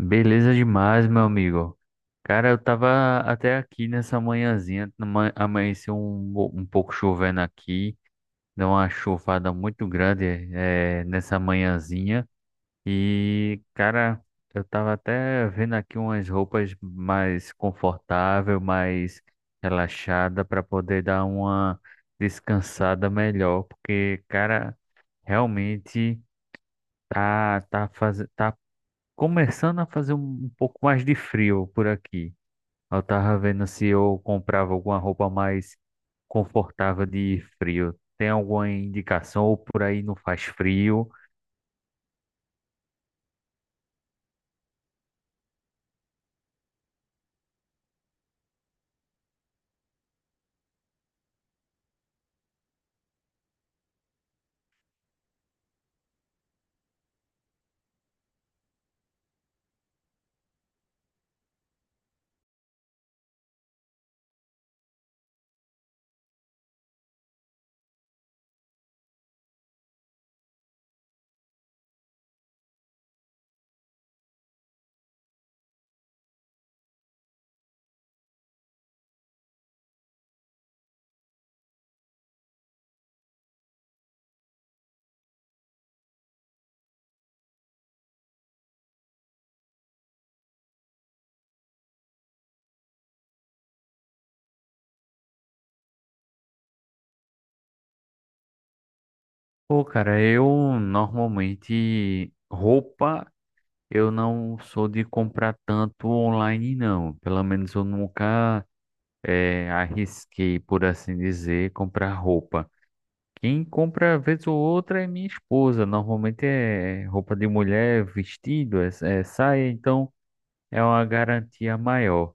Beleza demais, meu amigo. Cara, eu tava até aqui nessa manhãzinha, amanheceu um pouco chovendo aqui, deu uma chuvada muito grande nessa manhãzinha. E, cara, eu tava até vendo aqui umas roupas mais confortável, mais relaxada para poder dar uma descansada melhor, porque, cara, realmente tá começando a fazer um pouco mais de frio por aqui. Eu tava vendo se eu comprava alguma roupa mais confortável de frio. Tem alguma indicação ou por aí não faz frio? Pô, cara, eu normalmente roupa eu não sou de comprar tanto online não. Pelo menos eu nunca arrisquei, por assim dizer, comprar roupa. Quem compra vez ou outra é minha esposa. Normalmente é roupa de mulher, vestido, é, é saia, então é uma garantia maior.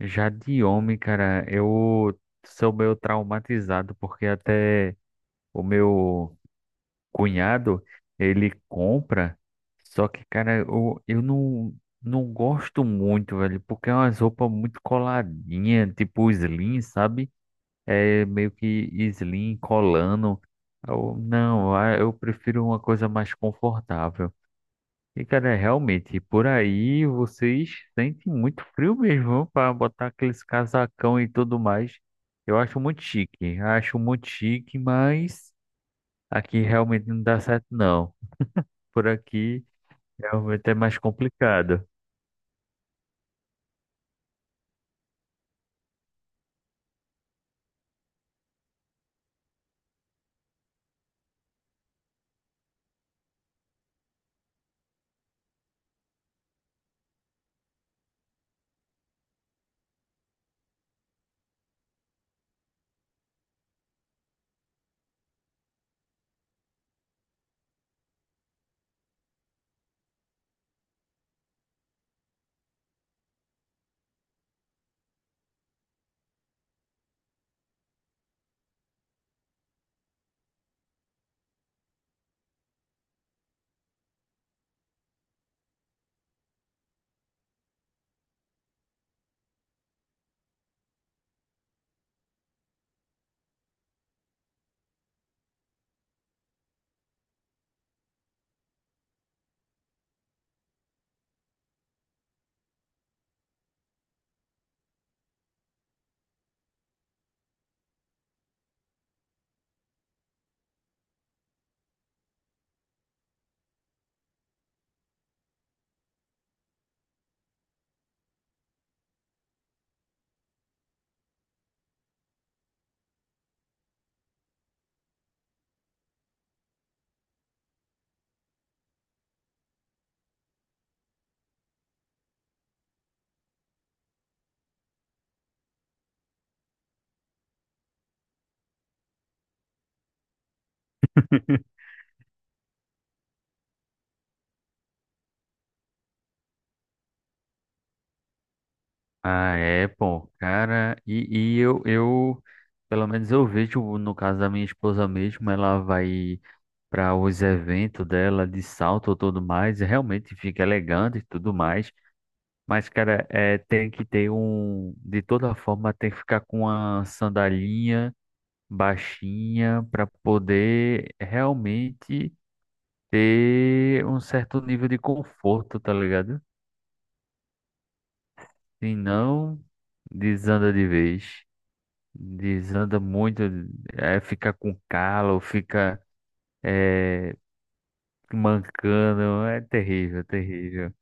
Já de homem, cara, eu sou meio traumatizado porque até o meu cunhado, ele compra, só que, cara, eu não, não gosto muito, velho, porque é umas roupas muito coladinhas, tipo slim, sabe? É meio que slim, colando. Eu, não, ah, eu prefiro uma coisa mais confortável. E, cara, realmente, por aí vocês sentem muito frio mesmo para botar aqueles casacão e tudo mais. Eu acho muito chique, mas aqui realmente não dá certo, não. Por aqui realmente é mais complicado. Ah, é, pô, cara, e, e eu, pelo menos eu vejo, no caso da minha esposa mesmo, ela vai para os eventos dela de salto e tudo mais, e realmente fica elegante e tudo mais. Mas, cara, é, tem que ter um. De toda forma, tem que ficar com uma sandalinha baixinha para poder realmente ter um certo nível de conforto, tá ligado? Se não, desanda de vez. Desanda muito, é, fica com calo, fica é, mancando, é terrível, terrível.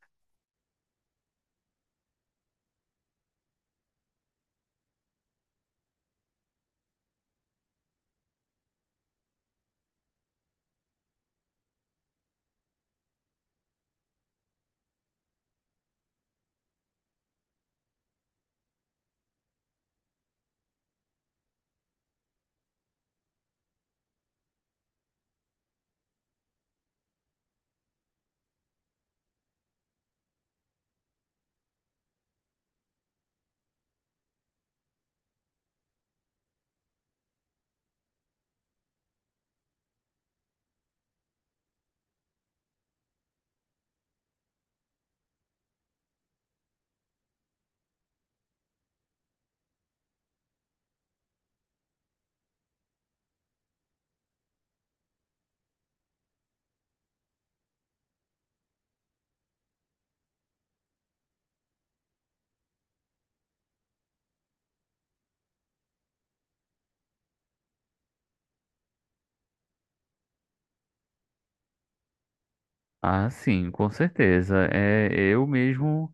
Ah, sim, com certeza. É, eu mesmo,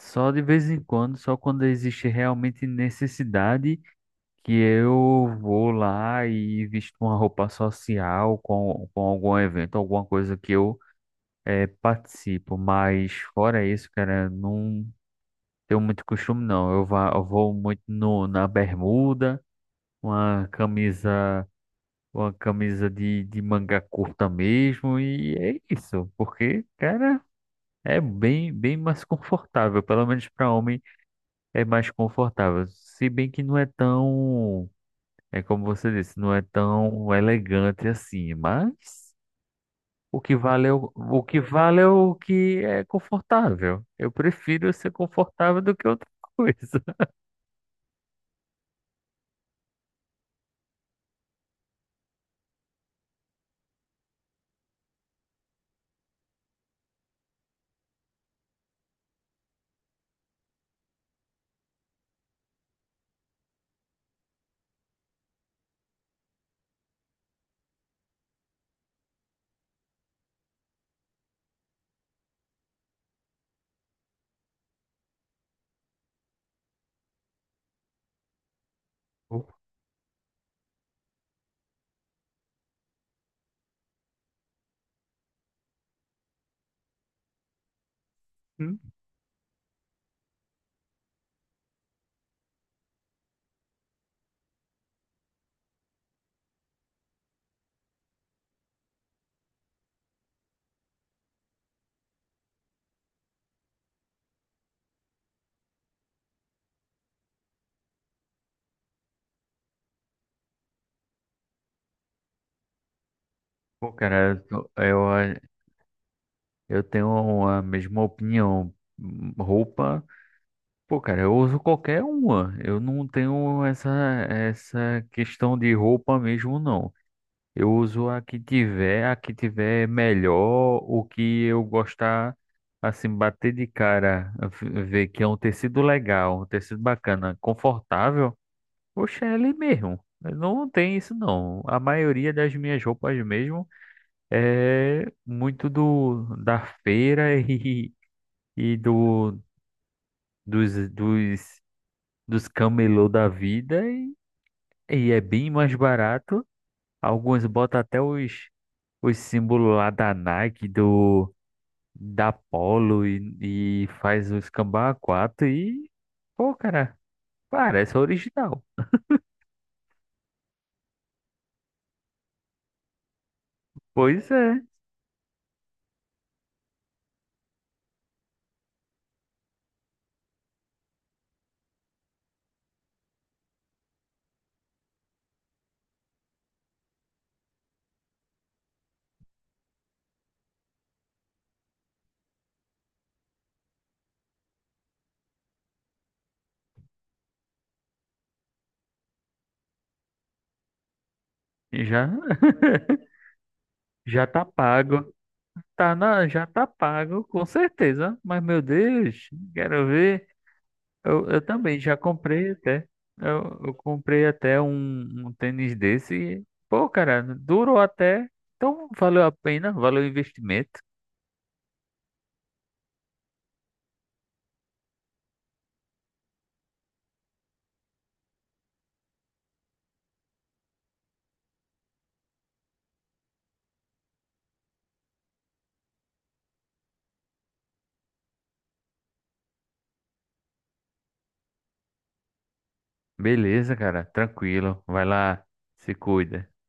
só de vez em quando, só quando existe realmente necessidade, que eu vou lá e visto uma roupa social com algum evento, alguma coisa que eu participo. Mas fora isso, cara, não tenho muito costume, não. Eu, vá, eu vou muito no, na bermuda, uma camisa, uma camisa de manga curta mesmo, e é isso, porque, cara. É bem, bem mais confortável, pelo menos para homem é mais confortável. Se bem que não é tão, é como você disse, não é tão elegante assim, mas o que vale é o que vale é o que é confortável. Eu prefiro ser confortável do que outra coisa. Hum. Pô, cara, eu tenho a mesma opinião. Roupa, pô, cara, eu uso qualquer uma. Eu não tenho essa, Essa questão de roupa mesmo, não. Eu uso a que tiver melhor, o que eu gostar, assim, bater de cara, ver que é um tecido legal, um tecido bacana, confortável. Oxe, é ali mesmo. Não tem isso não. A maioria das minhas roupas mesmo é muito do da feira e do dos dos dos camelô da vida e é bem mais barato. Alguns botam até os símbolos lá da Nike, do, da Polo e faz o cambá a quatro e, pô, cara, parece original. Pois é, já, já tá pago. Tá na, já tá pago, com certeza. Mas, meu Deus, quero ver. Eu também já comprei até. Eu comprei até um, um tênis desse. E, pô, cara, durou até. Então, valeu a pena, valeu o investimento. Beleza, cara. Tranquilo. Vai lá. Se cuida.